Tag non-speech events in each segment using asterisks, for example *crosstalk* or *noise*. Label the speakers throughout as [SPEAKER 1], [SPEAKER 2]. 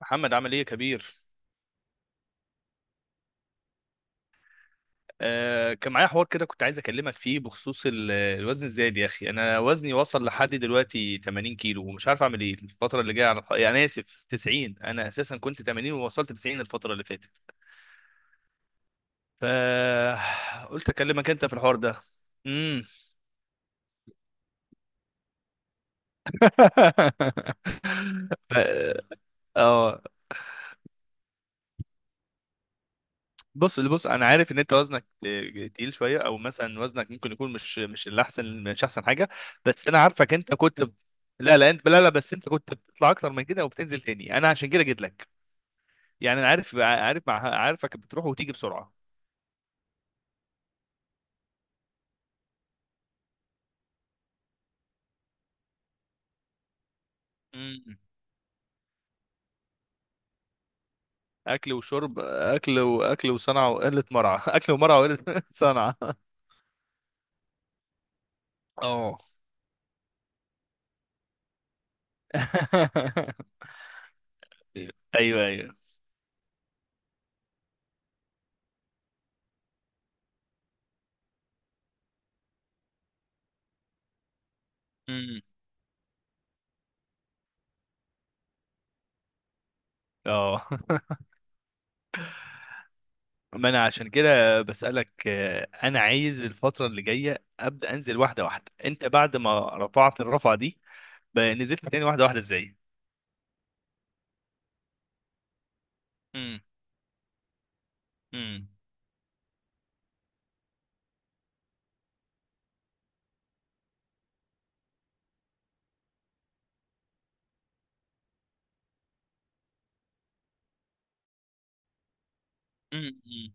[SPEAKER 1] محمد عامل ايه يا كبير؟ آه، كان معايا حوار كده كنت عايز اكلمك فيه بخصوص الوزن الزايد يا اخي. انا وزني وصل لحد دلوقتي 80 كيلو ومش عارف اعمل ايه الفتره اللي جايه، على يعني انا اسف، 90. انا اساسا كنت 80 ووصلت 90 الفتره اللي فاتت. ف *sighs* قلت اكلمك انت في الحوار ده. امم. *laughs* ف... اه. بص بص، انا عارف ان انت وزنك تقيل شويه، او مثلا وزنك ممكن يكون مش الاحسن، مش احسن حاجه. بس انا عارفك انت كنت لا لا، انت، لا لا، بس انت كنت بتطلع اكتر من كده وبتنزل تاني. انا عشان كده جيت لك. يعني انا عارف عارفك بتروح وتيجي بسرعه. مم. اكل وشرب، اكل واكل وصنعه وقله مرعى. *laughs* اكل ومرعى وقله *laughs* صنعه. اه. *laughs* ايوه ايوه. مم. اه. *laughs* ما انا عشان كده بسألك. انا عايز الفترة اللي جاية ابدأ انزل واحدة واحدة. انت بعد ما رفعت الرفعة دي نزلت تاني واحدة واحدة ازاي؟ امم. امم. امم.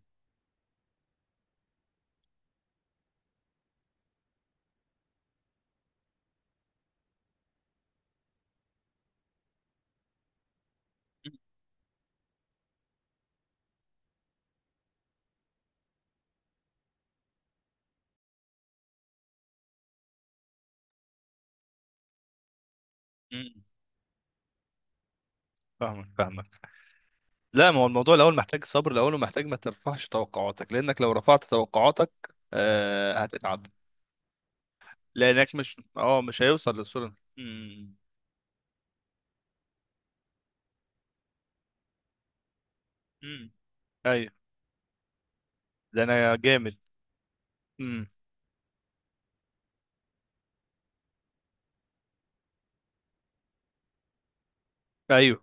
[SPEAKER 1] امم. فاهمك فاهمك. لا، ما هو الموضوع الاول محتاج صبر الاول، ومحتاج ما ترفعش توقعاتك، لانك لو رفعت توقعاتك آه هتتعب. لانك مش هيوصل للصورة. امم. امم. ايوه. ده انا جامد. امم. ايوه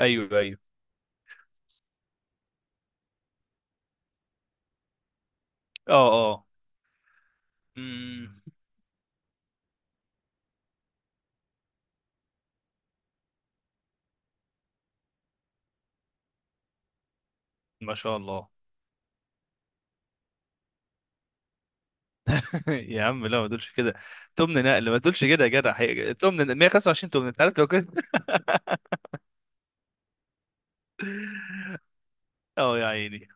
[SPEAKER 1] ايوه ايوه. اه اه. امم. ما شاء الله. *laughs* يا عم لا، ما تقولش كده. تمن نقل، ما تقولش كده يا جدع حقيقة. تمن 125، تمن، انت عارف لو كده. *laughs* اه يا عيني.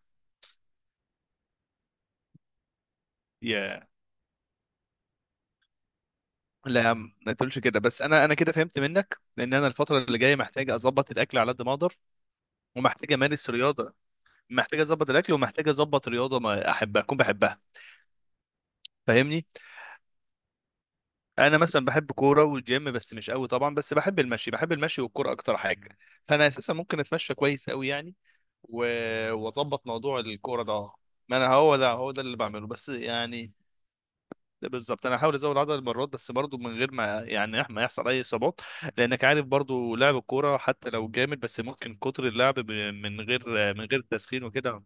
[SPEAKER 1] يا، لا يا عم ما تقولش كده. بس انا انا كده فهمت منك. لان انا الفتره اللي جايه محتاج اظبط الاكل على قد ما اقدر، ومحتاج امارس رياضه. محتاج اظبط الاكل ومحتاج اظبط رياضه ما احبها، اكون بحبها. فاهمني؟ انا مثلا بحب كوره والجيم بس مش قوي طبعا، بس بحب المشي. بحب المشي والكوره اكتر حاجه. فانا اساسا ممكن اتمشى كويس قوي يعني. واظبط موضوع الكوره ده. اه، ما انا هو ده اللي بعمله بس يعني. ده بالظبط، انا هحاول ازود عدد المرات بس برضو من غير ما يعني ما يحصل اي اصابات. لانك عارف برضو لعب الكوره حتى لو جامد بس ممكن كتر اللعب من غير، من غير تسخين وكده.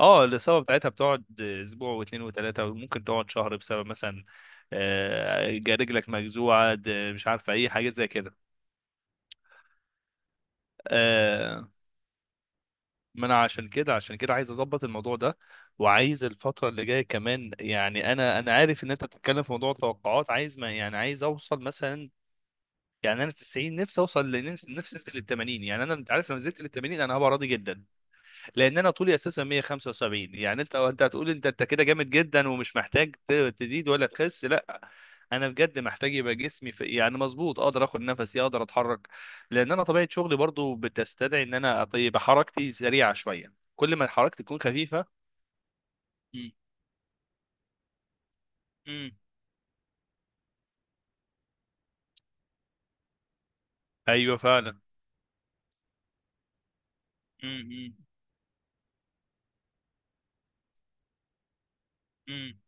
[SPEAKER 1] اه، الاصابه بتاعتها بتقعد اسبوع واثنين وثلاثه، وممكن تقعد شهر بسبب مثلا رجلك مجزوعه، مش عارف اي حاجات زي كده. آه، ما انا عشان كده، عشان كده عايز اظبط الموضوع ده. وعايز الفتره اللي جايه كمان يعني، انا انا عارف ان انت بتتكلم في موضوع التوقعات، عايز ما يعني عايز اوصل مثلا يعني انا 90، نفسي اوصل لنفسي، نفسي انزل لل 80. يعني انا، انت عارف لو نزلت لل 80 انا هبقى راضي جدا. لان انا طولي اساسا 175. يعني انت، انت هتقول انت انت كده جامد جدا ومش محتاج تزيد ولا تخس، لا. انا بجد محتاج يبقى جسمي في يعني مظبوط، اقدر اخد نفسي، اقدر اتحرك. لان انا طبيعه شغلي برضو بتستدعي ان انا يبقى حركتي سريعه شويه، كل ما حركتي تكون خفيفه. مم. مم. ايوه فعلا. مم. مم. مم.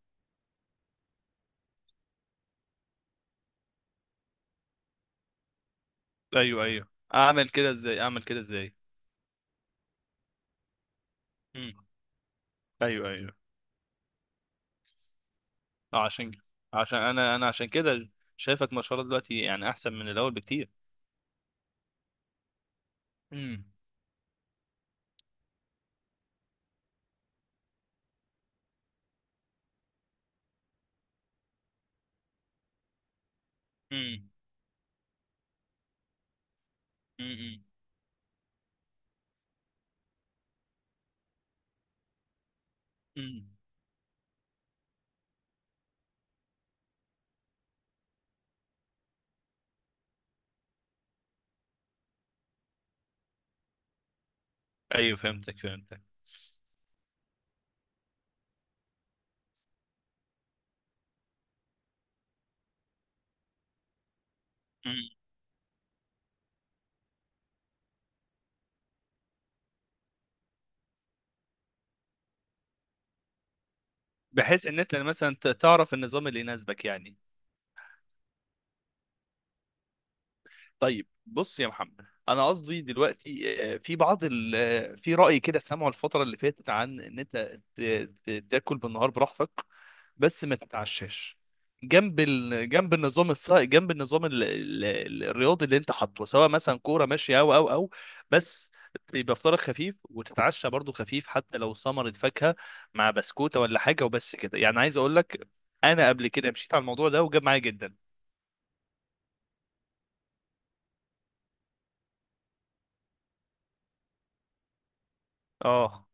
[SPEAKER 1] ايوه ايوه. اعمل كده ازاي؟ اعمل كده ازاي؟ مم. ايوه ايوه. عشان، عشان انا انا عشان كده شايفك ما شاء الله دلوقتي يعني احسن من الاول بكتير. مم. امم. امم. امم. ايوه فهمتك فهمتك. امم. بحيث ان انت مثلا تعرف النظام اللي يناسبك يعني. طيب بص يا محمد، انا قصدي دلوقتي في بعض ال... آه، في رأي كده سامعه الفترة اللي فاتت عن ان انت ت... تاكل بالنهار براحتك بس ما تتعشاش. جنب جنب النظام جنب النظام الرياضي اللي انت حاطه، سواء مثلا كورة ماشية او او او، بس يبقى فطارك خفيف وتتعشى برضو خفيف حتى لو ثمرة فاكهة مع بسكوتة ولا حاجة، وبس كده. يعني عايز اقول لك، انا قبل كده مشيت على الموضوع ده وجاب معايا جدا. اه.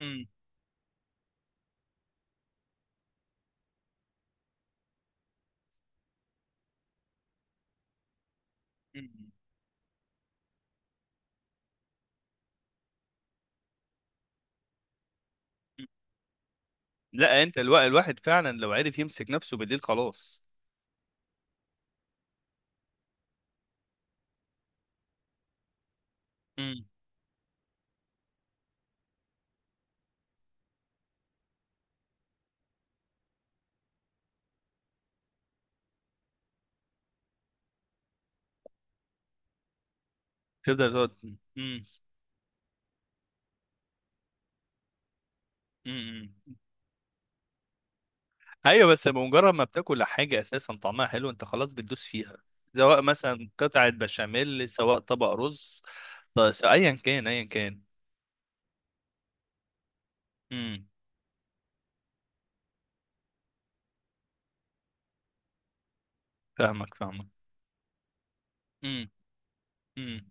[SPEAKER 1] امم. إمم. لا، انت الواحد فعلا لو عرف يمسك نفسه بالليل خلاص. امم. تفضل تقعد. امم. امم. ايوه. بس بمجرد ما بتاكل حاجه اساسا طعمها حلو، انت خلاص بتدوس فيها، سواء مثلا قطعه بشاميل، سواء طبق رز، بس ايا كان، ايا كان. امم. فاهمك فاهمك. امم. امم.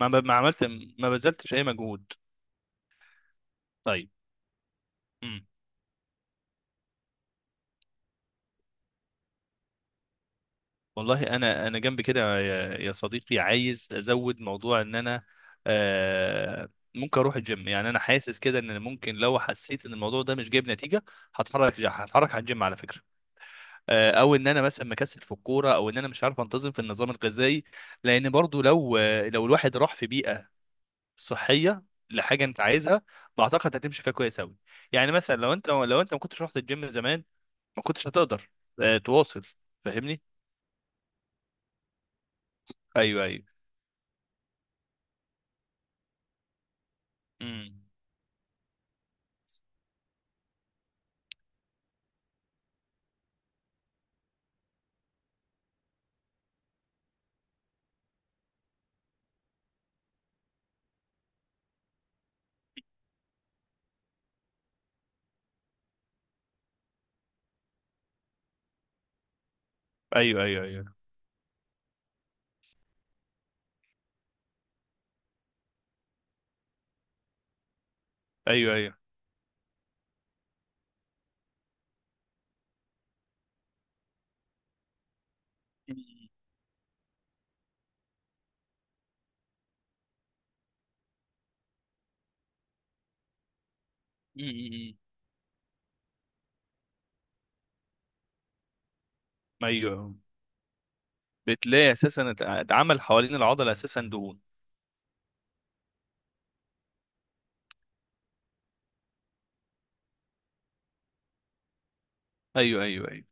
[SPEAKER 1] ما عملت، ما بذلتش اي مجهود. طيب. والله انا انا جنب كده يا، يا صديقي، عايز ازود موضوع ان انا آه، ممكن اروح الجيم. يعني انا حاسس كده ان ممكن لو حسيت ان الموضوع ده مش جايب نتيجه هتحرك، هتحرك على الجيم على فكره. او ان انا مثلا مكسل في الكوره، او ان انا مش عارف انتظم في النظام الغذائي. لان برضو لو لو الواحد راح في بيئه صحيه لحاجه انت عايزها، بعتقد هتمشي فيها كويس قوي. يعني مثلا لو انت، لو انت ما كنتش رحت الجيم زمان ما كنتش هتقدر تواصل. فاهمني؟ ايوه ايوه. مم. ايوه ايوه ايوه. ايوه ايوه. م- م- م. ايوه. بتلاقي اساسا اتعمل حوالين العضله اساسا دهون. ايوه ايوه ايوه.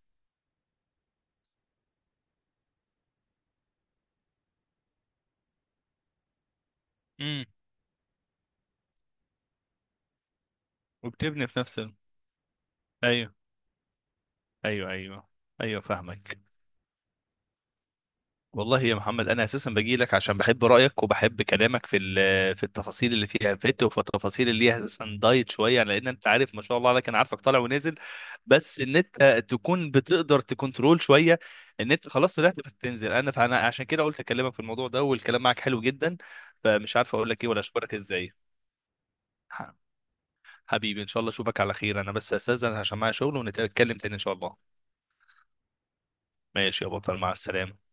[SPEAKER 1] مم. وبتبني في نفس ايوه ايوه ايوه. ايوه فاهمك. والله يا محمد، انا اساسا باجي لك عشان بحب رايك وبحب كلامك في في التفاصيل اللي فيها فت، وفي التفاصيل اللي هي اساسا دايت شويه. لان انت عارف ما شاء الله عليك، انا عارفك طالع ونازل، بس ان انت تكون بتقدر تكنترول شويه. ان انت خلاص طلعت بتنزل انا، فانا عشان كده قلت اكلمك في الموضوع ده، والكلام معاك حلو جدا. فمش عارف اقول لك ايه ولا اشكرك ازاي. ح- حبيبي، ان شاء الله اشوفك على خير. انا بس استاذن عشان معايا شغل، ونتكلم تاني ان شاء الله. ماشي يا بطل، مع السلامه.